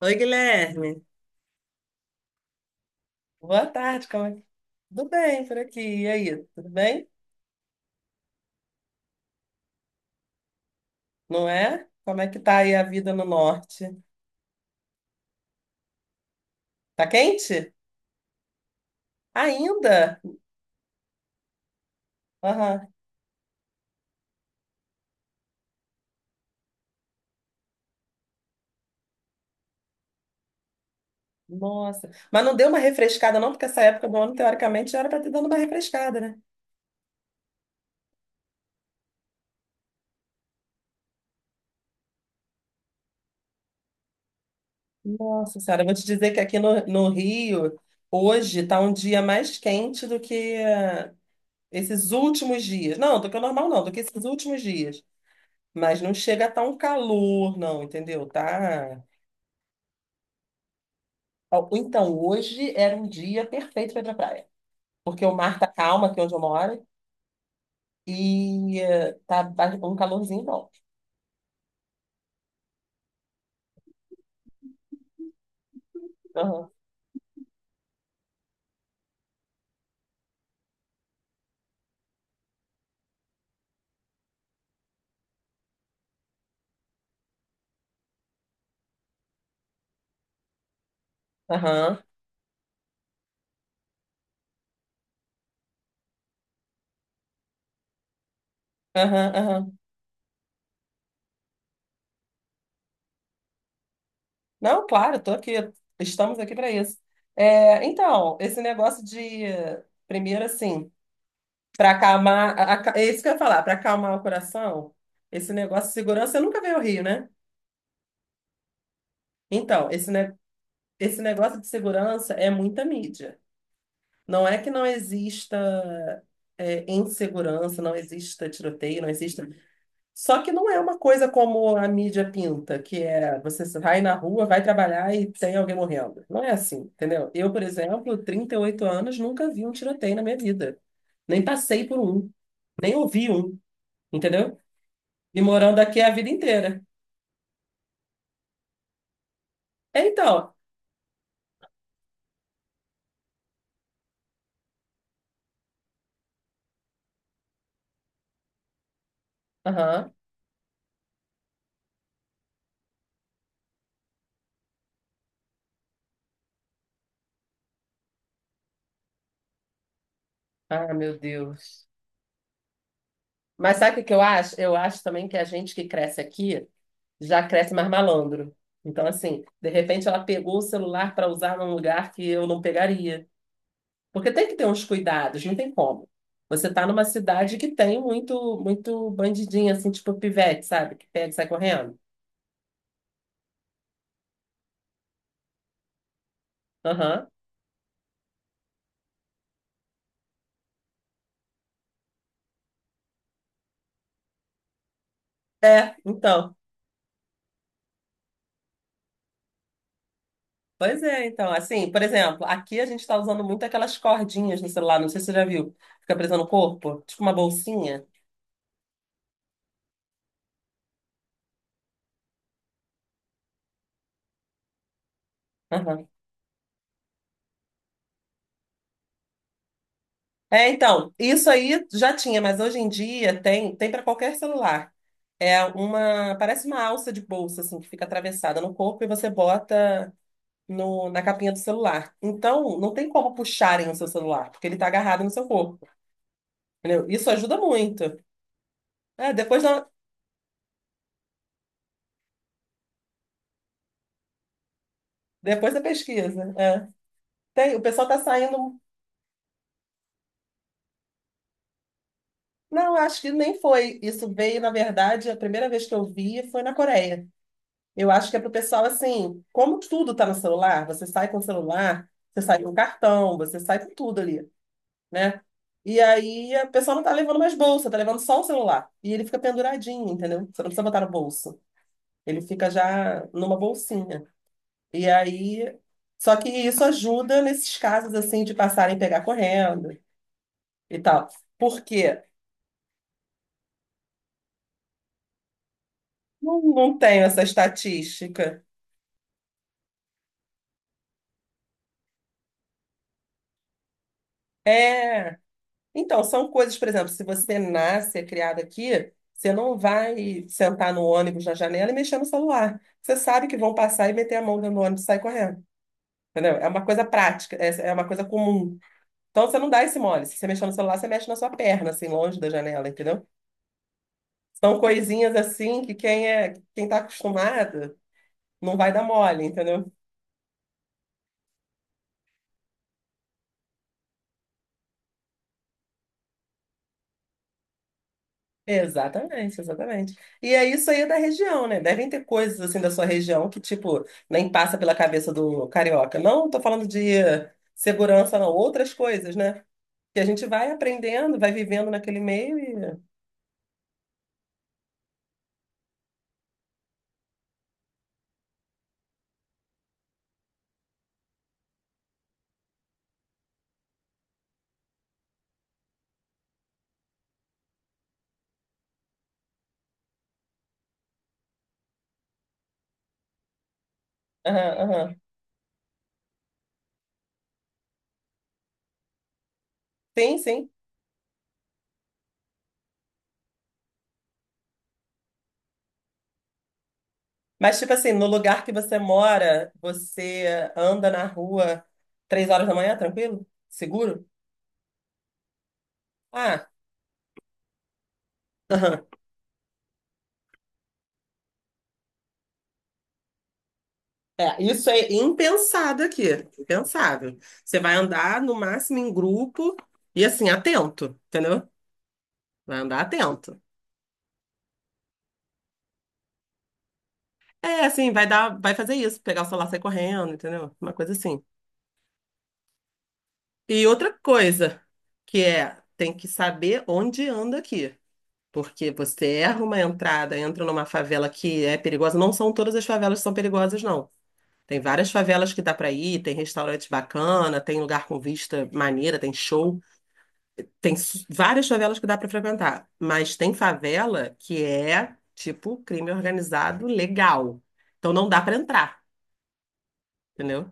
Oi, Guilherme. Boa tarde, como é que... Tudo bem por aqui? E aí, tudo bem? Não é? Como é que tá aí a vida no norte? Tá quente? Ainda? Aham. Nossa. Mas não deu uma refrescada não, porque essa época do ano, teoricamente, já era para ter dado uma refrescada, né? Nossa senhora, eu vou te dizer que aqui no, no Rio, hoje está um dia mais quente do que esses últimos dias. Não, do que o normal não, do que esses últimos dias. Mas não chega a estar um calor, não, entendeu? Tá. Ó, então, hoje era um dia perfeito para ir pra praia. Porque o mar tá calmo aqui onde eu moro e um calorzinho bom. Aham, aham, aham, aham. Não, claro, tô aqui. Estamos aqui para isso. É, então, esse negócio de, primeiro assim, para acalmar, é isso que eu ia falar, para acalmar o coração, esse negócio de segurança, eu nunca veio ao Rio, né? Então, esse negócio de segurança é muita mídia. Não é que não exista é, insegurança, não exista tiroteio, não exista. Só que não é uma coisa como a mídia pinta, que é você vai na rua, vai trabalhar e tem alguém morrendo. Não é assim, entendeu? Eu, por exemplo, 38 anos, nunca vi um tiroteio na minha vida. Nem passei por um, nem ouvi um, entendeu? E morando aqui a vida inteira. É, então. Aham. Ah, meu Deus. Mas sabe o que que eu acho? Eu acho também que a gente que cresce aqui já cresce mais malandro. Então, assim, de repente ela pegou o celular para usar num lugar que eu não pegaria. Porque tem que ter uns cuidados, não tem como. Você tá numa cidade que tem muito, muito bandidinho, assim, tipo pivete, sabe? Que pega e sai correndo. Aham. É, então. Pois é, então. Assim, por exemplo, aqui a gente tá usando muito aquelas cordinhas no celular, não sei se você já viu. Fica presa no corpo, tipo uma bolsinha. É, então, isso aí já tinha, mas hoje em dia tem, tem para qualquer celular. É uma, parece uma alça de bolsa assim que fica atravessada no corpo e você bota no, na capinha do celular. Então, não tem como puxarem o seu celular, porque ele está agarrado no seu corpo, entendeu? Isso ajuda muito. É, depois da, depois da pesquisa. É. Tem, o pessoal está saindo. Não, acho que nem foi. Isso veio, na verdade, a primeira vez que eu vi foi na Coreia. Eu acho que é pro pessoal assim, como tudo tá no celular, você sai com o celular, você sai com o cartão, você sai com tudo ali, né? E aí a pessoa não tá levando mais bolsa, tá levando só o celular. E ele fica penduradinho, entendeu? Você não precisa botar no bolso. Ele fica já numa bolsinha. E aí, só que isso ajuda nesses casos assim de passarem a pegar correndo e tal. Por quê? Não, não tenho essa estatística. É, então, são coisas, por exemplo, se você nasce, é criado aqui, você não vai sentar no ônibus na janela e mexer no celular. Você sabe que vão passar e meter a mão dentro do ônibus e sair correndo. Entendeu? É uma coisa prática, é uma coisa comum. Então, você não dá esse mole. Se você mexer no celular, você mexe na sua perna, assim, longe da janela, entendeu? São coisinhas assim que quem é, quem tá acostumado não vai dar mole, entendeu? Exatamente, exatamente. E é isso, aí é da região, né? Devem ter coisas assim da sua região que, tipo, nem passa pela cabeça do carioca. Não tô falando de segurança, não, outras coisas, né? Que a gente vai aprendendo, vai vivendo naquele meio e. Aham, aham. Sim, sim. Mas, tipo assim, no lugar que você mora, você anda na rua 3 horas da manhã, tranquilo? Seguro? Ah. É, isso é impensado aqui, impensável. Você vai andar no máximo em grupo e assim, atento, entendeu? Vai andar atento. É, assim, vai dar, vai fazer isso, pegar o celular, e sair correndo, entendeu? Uma coisa assim. E outra coisa, que é, tem que saber onde anda aqui. Porque você erra uma entrada, entra numa favela que é perigosa. Não são todas as favelas que são perigosas, não. Tem várias favelas que dá pra ir, tem restaurante bacana, tem lugar com vista maneira, tem show. Várias favelas que dá para frequentar, mas tem favela que é tipo crime organizado legal. Então não dá para entrar, entendeu?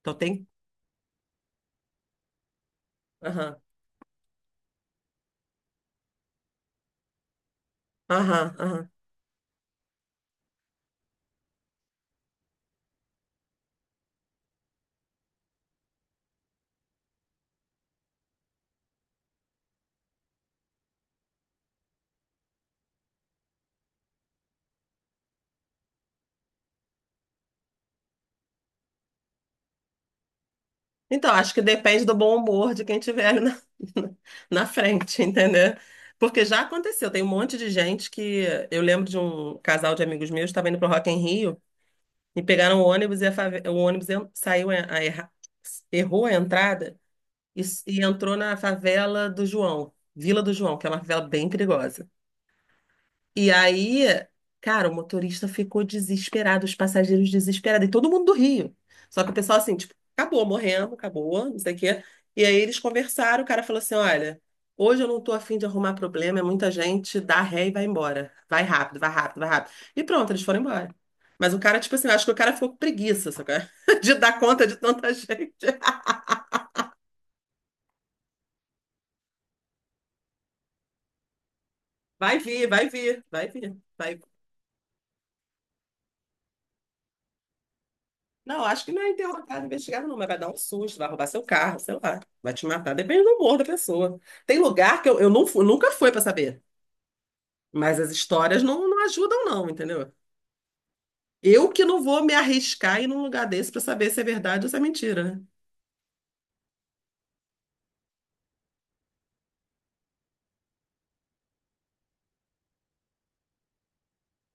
Então tem. Aham, aham, aham. Então, acho que depende do bom humor de quem tiver ali na, na frente, entendeu? Porque já aconteceu, tem um monte de gente que. Eu lembro de um casal de amigos meus que estava indo pro Rock em Rio e pegaram o ônibus saiu, errou a entrada e, e entrou na favela do João, Vila do João, que é uma favela bem perigosa. E aí, cara, o motorista ficou desesperado, os passageiros desesperados, e todo mundo do Rio. Só que o pessoal assim, tipo, acabou, morrendo, acabou, não sei o quê. E aí eles conversaram, o cara falou assim: olha, hoje eu não tô afim de arrumar problema, é muita gente, dá ré e vai embora. Vai rápido, vai rápido, vai rápido. E pronto, eles foram embora. Mas o cara, tipo assim, eu acho que o cara ficou com preguiça, sabe? De dar conta de tanta gente. Vai vir, vai vir, vai vir. Vai vir. Não, acho que não é interrogar, investigado, não, mas vai dar um susto, vai roubar seu carro, sei lá, vai te matar, depende do humor da pessoa. Tem lugar que eu não nunca fui pra saber, mas as histórias não, não ajudam, não, entendeu? Eu que não vou me arriscar em ir num lugar desse pra saber se é verdade ou se é mentira, né?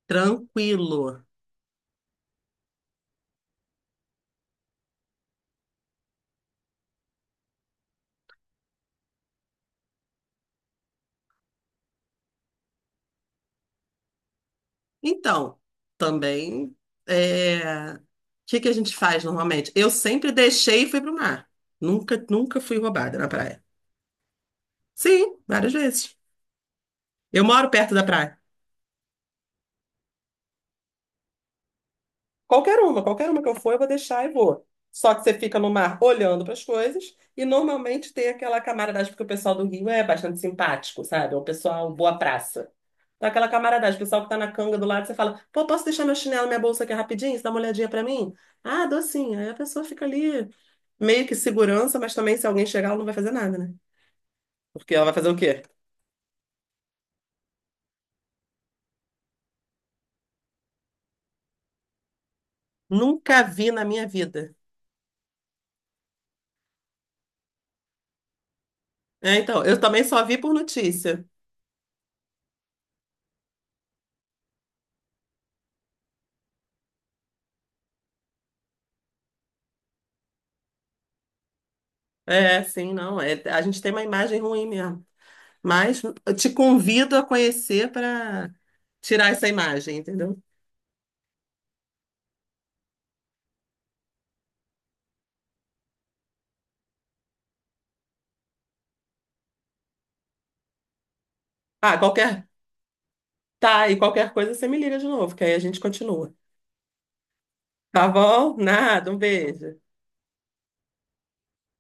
Tranquilo. Então, também, o que que a gente faz normalmente? Eu sempre deixei e fui pro mar. Nunca, nunca fui roubada na praia. Sim, várias vezes. Eu moro perto da praia. Qualquer uma que eu for, eu vou deixar e vou. Só que você fica no mar olhando para as coisas e normalmente tem aquela camaradagem, porque o pessoal do Rio é bastante simpático, sabe? É um pessoal boa praça. Então, aquela camaradagem, o pessoal que tá na canga do lado, você fala: pô, posso deixar meu chinelo, minha bolsa aqui rapidinho? Você dá uma olhadinha para mim? Ah, dou sim. Aí a pessoa fica ali, meio que segurança, mas também se alguém chegar, ela não vai fazer nada, né? Porque ela vai fazer o quê? Nunca vi na minha vida. É, então, eu também só vi por notícia. É, sim, não. A gente tem uma imagem ruim mesmo. Mas eu te convido a conhecer para tirar essa imagem, entendeu? Ah, qualquer. Tá, e qualquer coisa você me liga de novo, que aí a gente continua. Tá bom? Nada, um beijo.